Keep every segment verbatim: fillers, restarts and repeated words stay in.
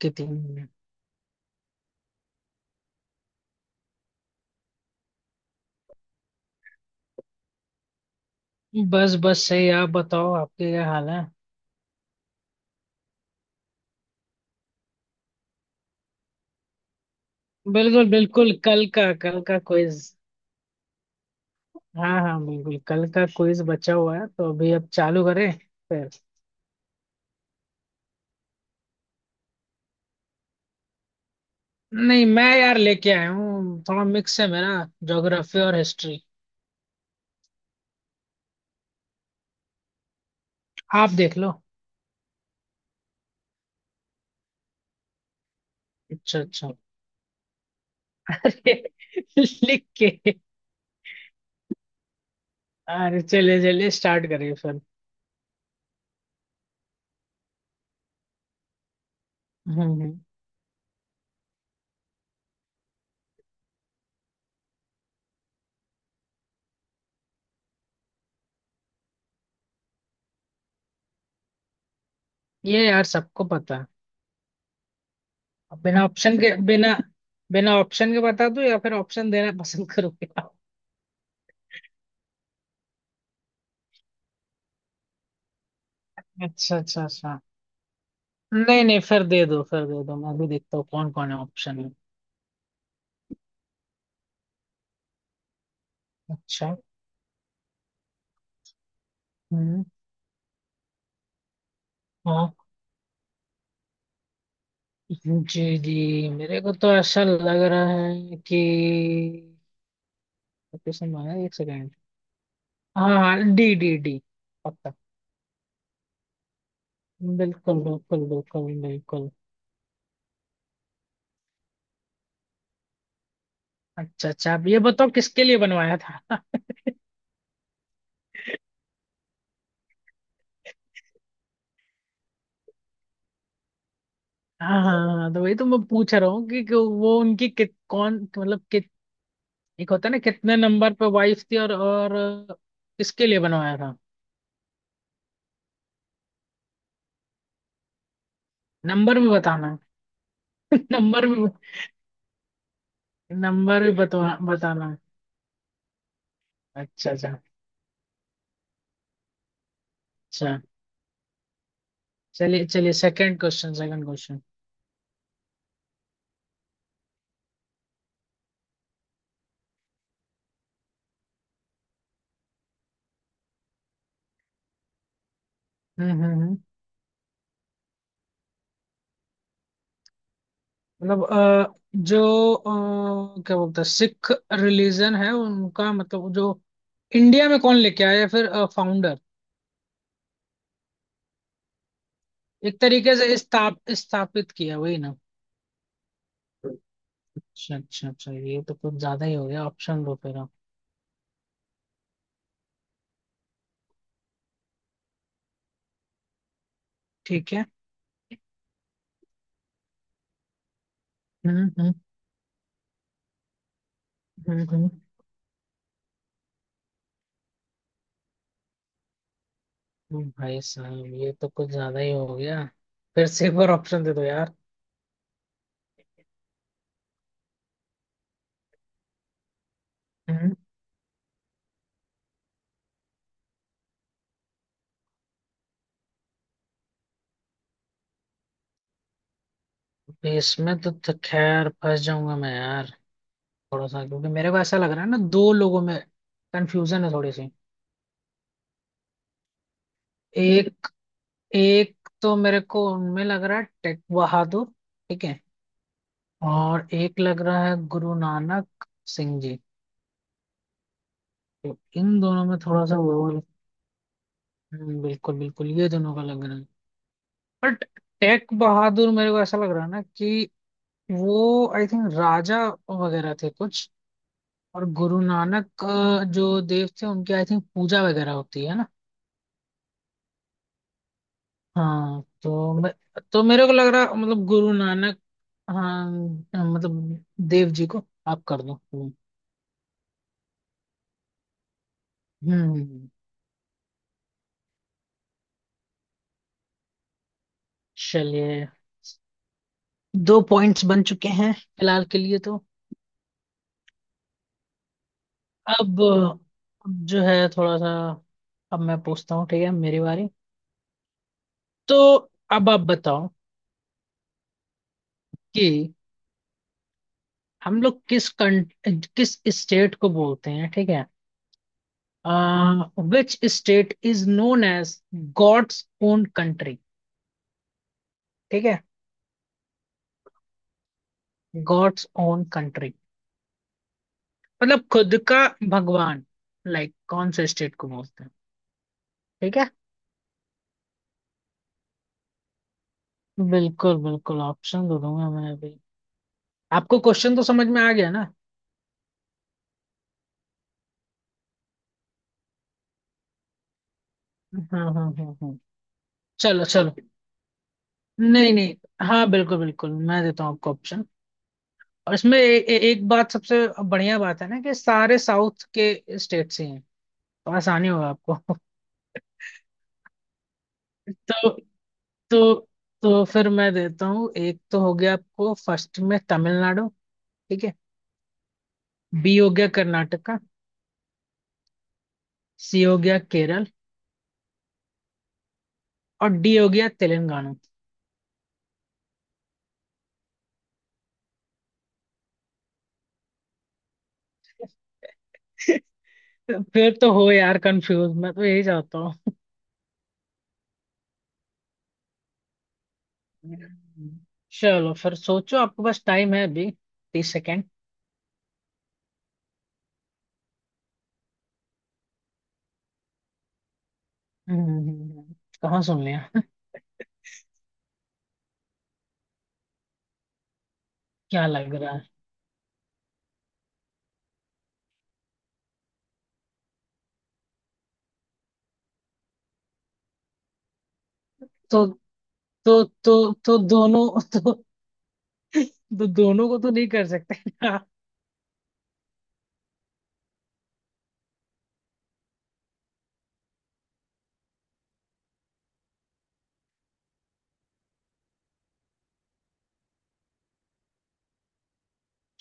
के तीन मिनट। बस बस सही। आप बताओ, आपके क्या हाल है? बिल्कुल बिल्कुल। कल का कल का क्विज। हाँ हाँ, बिल्कुल। कल का क्विज बचा हुआ है तो अभी अब चालू करें फिर। नहीं, मैं यार लेके आया हूँ, थोड़ा मिक्स है मेरा। ज्योग्राफी और हिस्ट्री। आप देख लो। अच्छा अच्छा। लिख के। अरे, चलिए चलिए, स्टार्ट करिए फिर। हम्म हम्म। ये यार सबको पता है। अब बिना ऑप्शन के, बिना बिना ऑप्शन के बता दूं या फिर ऑप्शन देना पसंद करूंगा। अच्छा अच्छा अच्छा। नहीं नहीं, फिर दे दो फिर दे दो। मैं भी देखता हूँ कौन कौन है ऑप्शन में। अच्छा। हम्म। हाँ, जी जी, मेरे को तो ऐसा लग रहा है कि लोकेशन मांगा। एक सेकेंड। हाँ हाँ, डी डी डी, पक्का। बिल्कुल बिल्कुल बिल्कुल बिल्कुल। अच्छा अच्छा, अब ये बताओ किसके लिए बनवाया था। हाँ हाँ हाँ, तो वही तो मैं पूछ रहा हूँ कि, कि वो उनकी कित कौन मतलब कित एक होता है ना कितने नंबर पे वाइफ थी, और और किसके लिए बनवाया। नंबर भी बताना है? नंबर भी नंबर भी बतवा बताना है। अच्छा अच्छा अच्छा, चलिए चलिए, सेकंड क्वेश्चन, सेकंड क्वेश्चन। हम्म हम्म हम्म। मतलब अ, जो अ, क्या बोलते हैं, सिख रिलीजन है उनका, मतलब जो इंडिया में कौन लेके आया या फिर फाउंडर। एक तरीके से स्थाप स्थापित किया, वही ना। अच्छा अच्छा अच्छा, ये तो कुछ ज्यादा ही हो गया। ऑप्शन दो फिर आप। ठीक है। हम्म हम्म हम्म हम्म। भाई साहब, ये तो कुछ ज्यादा ही हो गया। फिर से एक बार ऑप्शन दे दो यार। हम्म। इसमें तो, तो खैर फंस जाऊंगा मैं यार। थोड़ा सा, क्योंकि मेरे को ऐसा लग रहा है ना, दो लोगों में कंफ्यूजन है थोड़ी सी। एक एक तो मेरे को उनमें लग रहा है टेक बहादुर। ठीक है। और एक लग रहा है गुरु नानक सिंह जी। तो इन दोनों में थोड़ा सा वो। हम्म, बिल्कुल बिल्कुल, ये दोनों का लग रहा है। बट टेक बहादुर मेरे को ऐसा लग रहा है ना कि वो आई थिंक राजा वगैरह थे कुछ। और गुरु नानक अ, जो देव थे, उनकी आई थिंक पूजा वगैरह होती है ना। हाँ तो मैं, तो मेरे को लग रहा, मतलब गुरु नानक। हाँ, मतलब देव जी को आप कर दो। हम्म। हम्म, चलिए, दो पॉइंट्स बन चुके हैं फिलहाल के लिए तो। अब अब जो है थोड़ा सा। अब मैं पूछता हूँ, ठीक है, मेरी बारी। तो अब आप बताओ कि हम लोग किस कं किस स्टेट को बोलते हैं, ठीक है। Which state is known as God's own country. ठीक है। God's own country. मतलब खुद का भगवान, लाइक like, कौन से स्टेट को बोलते हैं? ठीक है, बिल्कुल बिल्कुल। ऑप्शन दे दूंगा मैं अभी। आपको क्वेश्चन तो समझ में आ गया ना? हाँ हाँ हाँ हाँ। चलो चलो। नहीं नहीं। हाँ बिल्कुल बिल्कुल, मैं देता हूँ आपको ऑप्शन। और इसमें ए, ए, एक बात सबसे बढ़िया बात है ना कि सारे साउथ के स्टेट से, तो आसानी होगा आपको। तो तो तो फिर मैं देता हूँ, एक तो हो गया आपको फर्स्ट में, तमिलनाडु। ठीक है। बी हो गया कर्नाटका। सी हो गया केरल। और डी हो गया तेलंगाना। फिर तो हो यार कंफ्यूज, मैं तो यही चाहता हूँ। हम्म, चलो फिर सोचो, आपके पास टाइम है अभी। तीस सेकेंड। हम्म। कहाँ सुन लिया? क्या लग रहा है? तो तो तो तो दोनों तो, तो दोनों को तो नहीं कर सकते।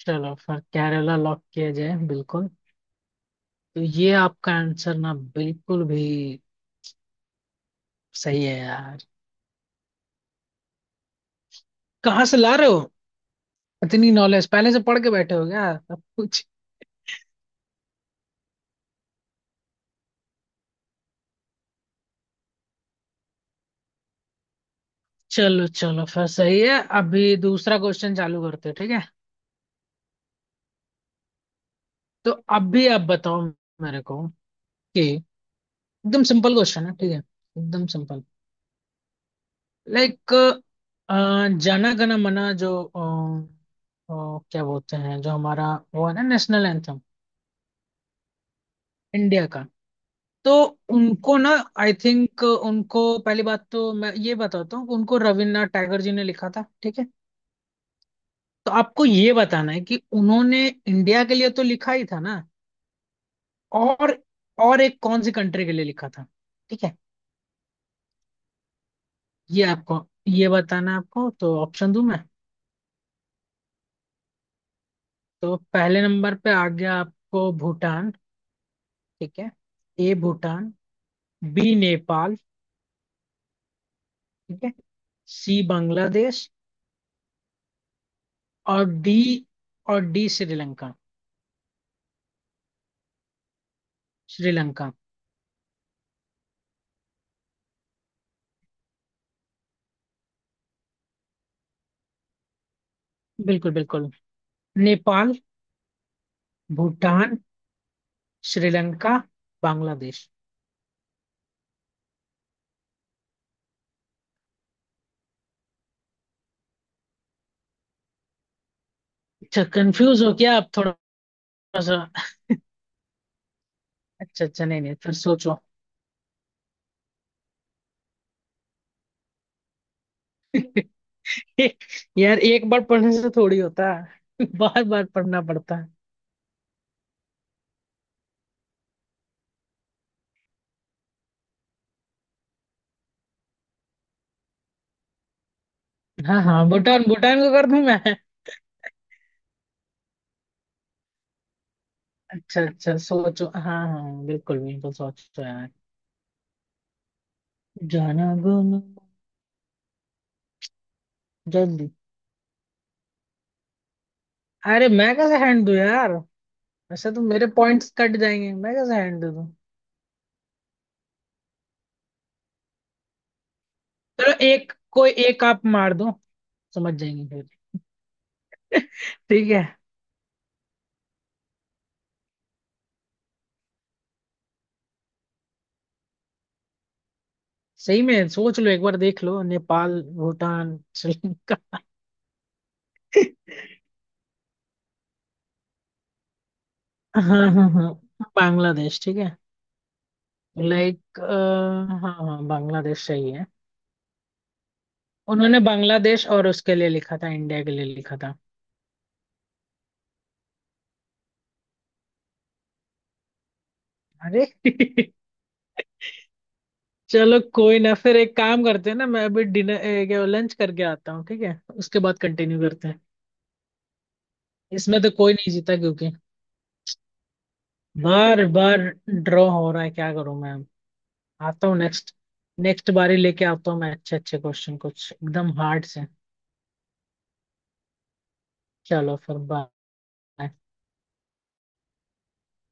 चलो फिर, केरला लॉक किया जाए, बिल्कुल। तो ये आपका आंसर ना बिल्कुल भी सही है यार। कहाँ से ला रहे हो इतनी नॉलेज? पहले से पढ़ के बैठे हो क्या अब कुछ? चलो चलो, फिर सही है। अभी दूसरा क्वेश्चन चालू करते हैं, ठीक है। तो अभी आप बताओ मेरे को कि एकदम सिंपल क्वेश्चन है, ठीक है, एकदम सिंपल। लाइक, जाना गना मना जो अ, अ, क्या बोलते हैं, जो हमारा वो है ना, नेशनल एंथम, इंडिया का। तो उनको ना आई थिंक उनको पहली बात तो मैं ये बताता हूँ कि उनको रविन्द्रनाथ टैगोर जी ने लिखा था। ठीक है। तो आपको ये बताना है कि उन्होंने इंडिया के लिए तो लिखा ही था ना, और और एक कौन सी कंट्री के लिए लिखा था। ठीक है। ये आपको ये बताना है आपको। तो ऑप्शन दूं मैं? तो पहले नंबर पे आ गया आपको भूटान। ठीक है। ए भूटान। बी नेपाल। ठीक है। सी बांग्लादेश। और डी। और डी श्रीलंका। श्रीलंका। बिल्कुल बिल्कुल। नेपाल, भूटान, श्रीलंका, बांग्लादेश। अच्छा, कंफ्यूज हो क्या आप थोड़ा सा? अच्छा अच्छा, नहीं नहीं, फिर सोचो। यार, एक बार पढ़ने से थोड़ी होता है। बार बार पढ़ना पड़ता है। हाँ हाँ, भूटान, भूटान को कर दूं मैं? अच्छा अच्छा, सोचो। हाँ, हाँ बिल्कुल बिल्कुल सोचो यार। जाना गुनो। जल्दी। अरे, मैं कैसे हैंड दूं यार? वैसे तो मेरे पॉइंट्स कट जाएंगे, मैं कैसे हैंड दे दूं? चलो, एक कोई एक आप मार दो, समझ जाएंगे फिर। ठीक है। सही में सोच लो, एक बार देख लो। नेपाल, भूटान, श्रीलंका। हाँ हाँ हाँ, बांग्लादेश, ठीक है। लाइक, हाँ हाँ बांग्लादेश सही है। उन्होंने बांग्लादेश, और उसके लिए लिखा था, इंडिया के लिए लिखा था। अरे। चलो कोई ना, फिर एक काम करते हैं ना, मैं अभी डिनर क्या लंच करके आता हूँ, ठीक है, उसके बाद कंटिन्यू करते हैं। इसमें तो कोई नहीं जीता, क्योंकि बार बार ड्रॉ हो रहा है, क्या करूं मैं? आता हूँ नेक्स्ट, नेक्स्ट बारी लेके आता हूँ मैं अच्छे अच्छे क्वेश्चन कुछ एकदम हार्ड से। चलो फिर, बाय।